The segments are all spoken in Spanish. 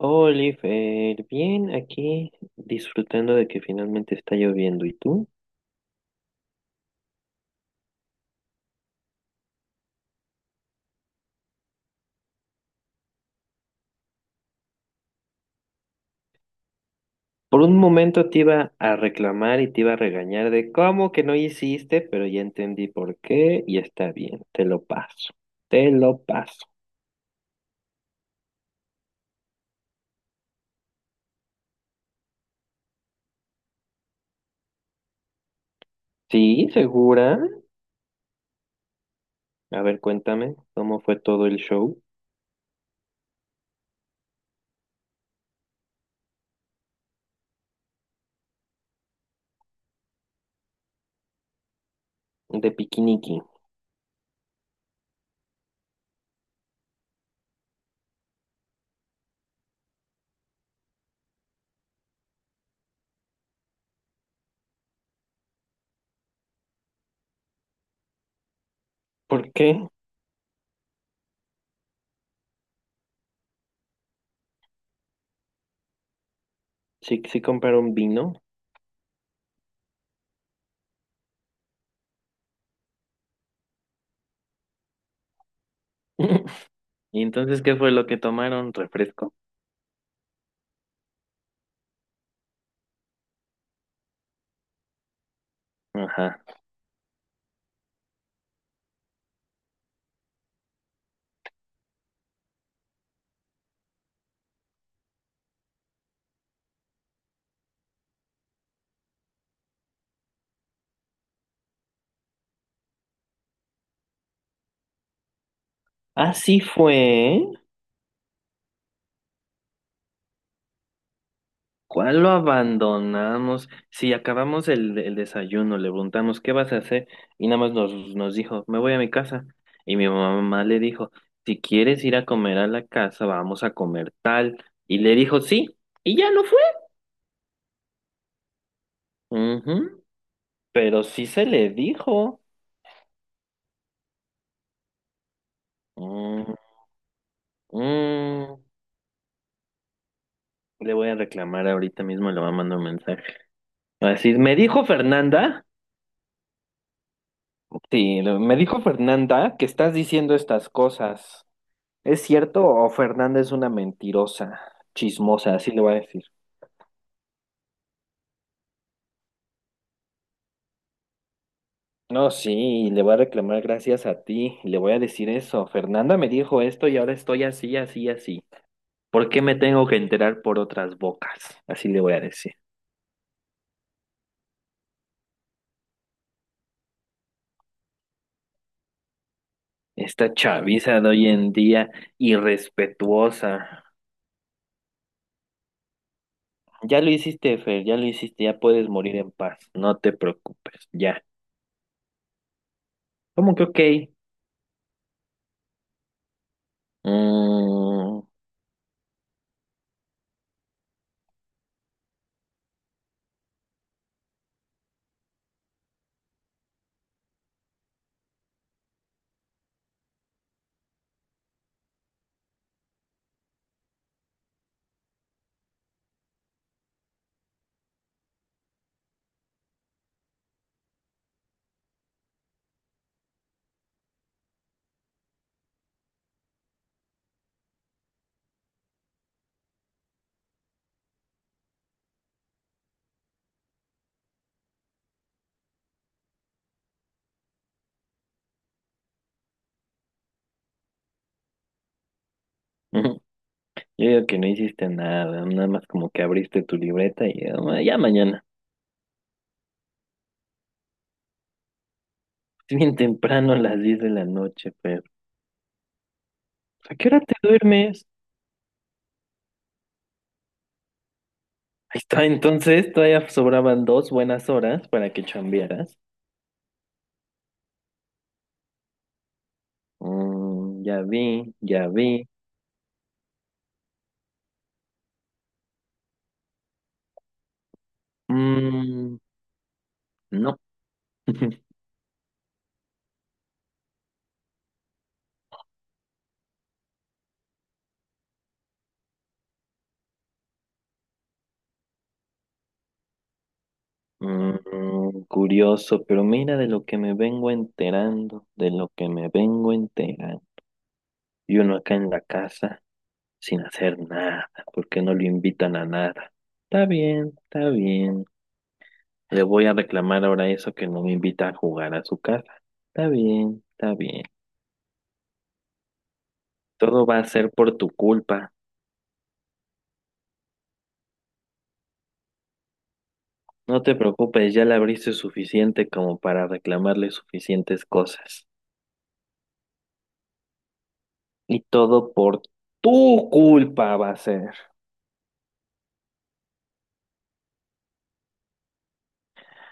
Oliver, bien, aquí disfrutando de que finalmente está lloviendo. ¿Y tú? Por un momento te iba a reclamar y te iba a regañar de cómo que no hiciste, pero ya entendí por qué y está bien, te lo paso, te lo paso. ¿Sí? ¿Segura? A ver, cuéntame, ¿cómo fue todo el show de Piquiniqui? ¿Por qué? ¿Sí, sí compraron vino? ¿Y entonces qué fue lo que tomaron? ¿Refresco? Ajá. Así fue. ¿Cuál lo abandonamos? Si acabamos el desayuno, le preguntamos, ¿qué vas a hacer? Y nada más nos dijo, me voy a mi casa. Y mi mamá le dijo, si quieres ir a comer a la casa, vamos a comer tal. Y le dijo, sí, y ya no fue. Ujú. Pero sí se le dijo. Mm, mm. Le voy a reclamar ahorita mismo, le va a mandar un mensaje. Va a decir, me dijo Fernanda, sí, me dijo Fernanda que estás diciendo estas cosas. ¿Es cierto o Fernanda es una mentirosa, chismosa? Así le voy a decir. No, sí, le voy a reclamar gracias a ti, le voy a decir eso. Fernanda me dijo esto y ahora estoy así, así, así. ¿Por qué me tengo que enterar por otras bocas? Así le voy a decir. Esta chaviza de hoy en día, irrespetuosa. Ya lo hiciste, Fer, ya lo hiciste, ya puedes morir en paz, no te preocupes, ya. ¿Cómo que ok? Mm. Yo digo que no hiciste nada, nada más como que abriste tu libreta y ya, ya mañana. Es bien temprano, a las 10 de la noche, pero ¿a qué hora te duermes? Ahí está, entonces todavía sobraban 2 buenas horas para que chambearas. Mm, ya vi, ya vi. Mm, no. Curioso, pero mira de lo que me vengo enterando, de lo que me vengo enterando. Y uno acá en la casa, sin hacer nada, porque no lo invitan a nada. Está bien, está bien. Le voy a reclamar ahora eso que no me invita a jugar a su casa. Está bien, está bien. Todo va a ser por tu culpa. No te preocupes, ya le abriste suficiente como para reclamarle suficientes cosas. Y todo por tu culpa va a ser.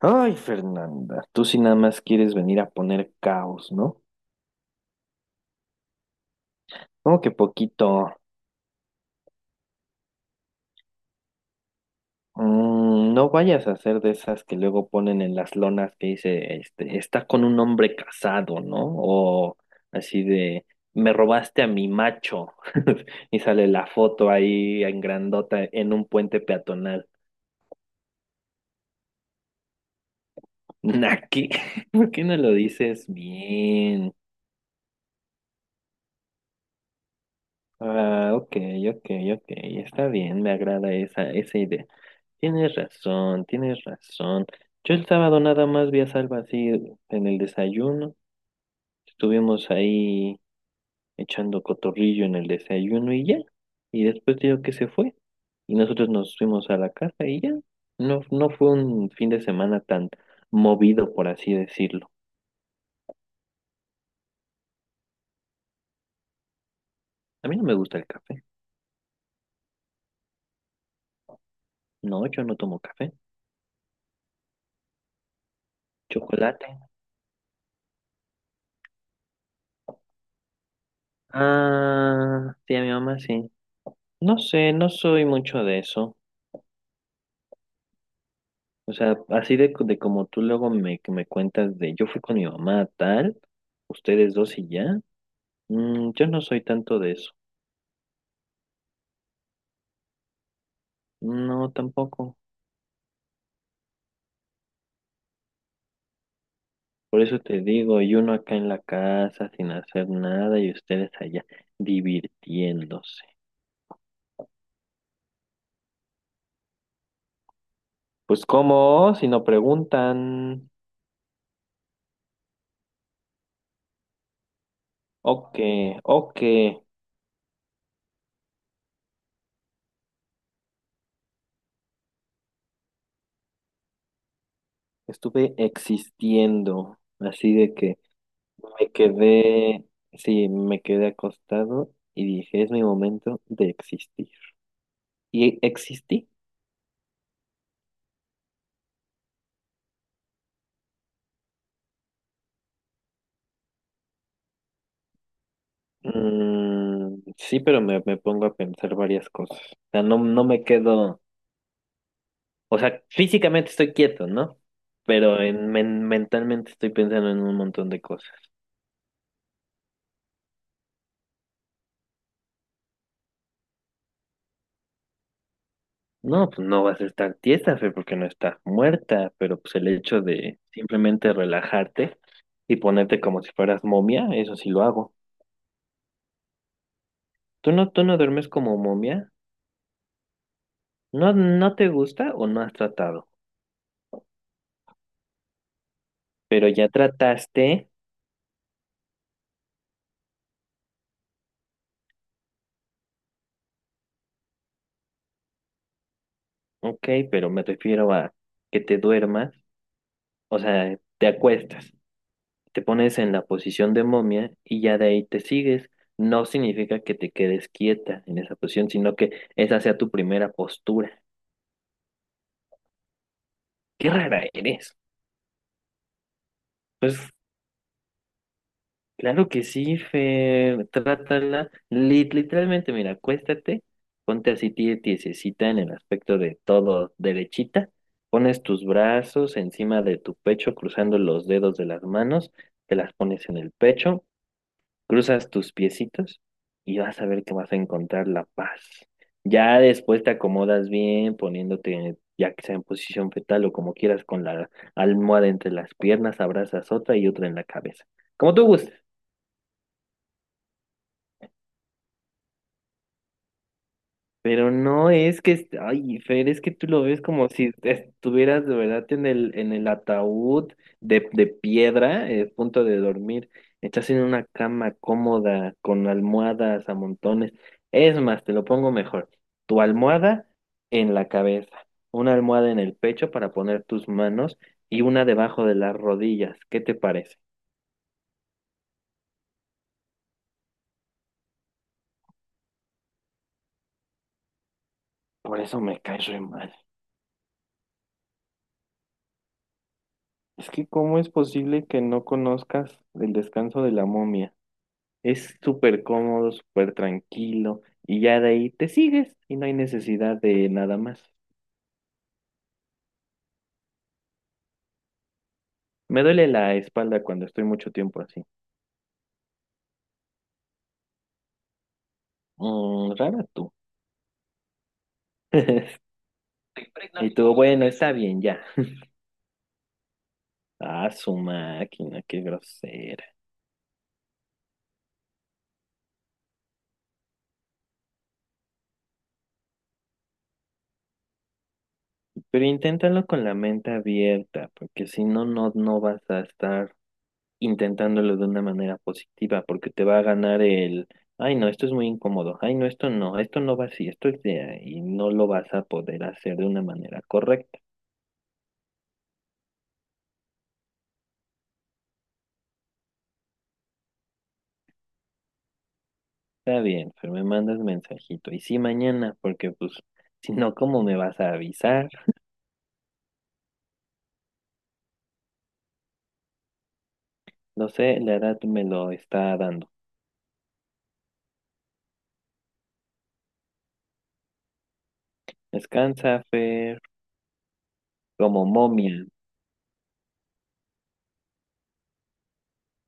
Ay, Fernanda, tú sí nada más quieres venir a poner caos, ¿no? Como que poquito. No vayas a hacer de esas que luego ponen en las lonas que dice, este, está con un hombre casado, ¿no? O así de, me robaste a mi macho. Y sale la foto ahí en grandota en un puente peatonal. Naki, ¿por qué no lo dices bien? Ah, ok, ok, ok, está bien, me agrada esa idea. Tienes razón, tienes razón. Yo el sábado nada más vi a Salva así en el desayuno. Estuvimos ahí echando cotorrillo en el desayuno y ya. Y después digo que se fue. Y nosotros nos fuimos a la casa y ya. No, no fue un fin de semana tan movido, por así decirlo. A mí no me gusta el café. No, yo no tomo café. Chocolate. Ah, sí, a mi mamá sí. No sé, no soy mucho de eso. O sea, así de como tú luego me, que me cuentas de yo fui con mi mamá a tal, ustedes dos y ya. Yo no soy tanto de eso. No, tampoco. Por eso te digo, y uno acá en la casa sin hacer nada y ustedes allá divirtiéndose. Pues cómo, si no preguntan, ok, ok, estuve existiendo, así de que me quedé, sí, me quedé acostado y dije, es mi momento de existir. ¿Y existí? Sí, pero me pongo a pensar varias cosas. O sea, no, no me quedo... O sea, físicamente estoy quieto, ¿no? Pero mentalmente estoy pensando en un montón de cosas. No, pues no vas a estar tiesa, Fer, porque no estás muerta, pero pues el hecho de simplemente relajarte y ponerte como si fueras momia, eso sí lo hago. ¿Tú no duermes como momia? ¿No, no te gusta o no has tratado? Pero ya trataste, ok, pero me refiero a que te duermas, o sea, te acuestas. Te pones en la posición de momia y ya de ahí te sigues. No significa que te quedes quieta en esa posición, sino que esa sea tu primera postura. Qué rara eres. Pues claro que sí, Fer, trátala. Literalmente, mira, acuéstate, ponte así tiesecita en el aspecto de todo derechita, pones tus brazos encima de tu pecho, cruzando los dedos de las manos, te las pones en el pecho. Cruzas tus piecitos y vas a ver que vas a encontrar la paz. Ya después te acomodas bien, poniéndote, ya que sea en posición fetal o como quieras, con la almohada entre las piernas, abrazas otra y otra en la cabeza. Como tú gustes. Pero no es que, ay, Fer, es que tú lo ves como si estuvieras de verdad en el ataúd de piedra, punto de dormir. Estás en una cama cómoda, con almohadas a montones. Es más, te lo pongo mejor. Tu almohada en la cabeza, una almohada en el pecho para poner tus manos y una debajo de las rodillas. ¿Qué te parece? Por eso me caes re mal. Es que, ¿cómo es posible que no conozcas el descanso de la momia? Es súper cómodo, súper tranquilo y ya de ahí te sigues y no hay necesidad de nada más. Me duele la espalda cuando estoy mucho tiempo así. Rara tú. Y tú, bueno, está bien, ya. Ah, su máquina, qué grosera. Pero inténtalo con la mente abierta, porque si no, no, no vas a estar intentándolo de una manera positiva, porque te va a ganar el, ay no, esto es muy incómodo, ay no, esto no, esto no va así, esto es de, y no lo vas a poder hacer de una manera correcta. Está bien, pero me mandas mensajito, y sí mañana, porque pues, si no, ¿cómo me vas a avisar? No sé, la edad me lo está dando. Descansa, Fer, como momia.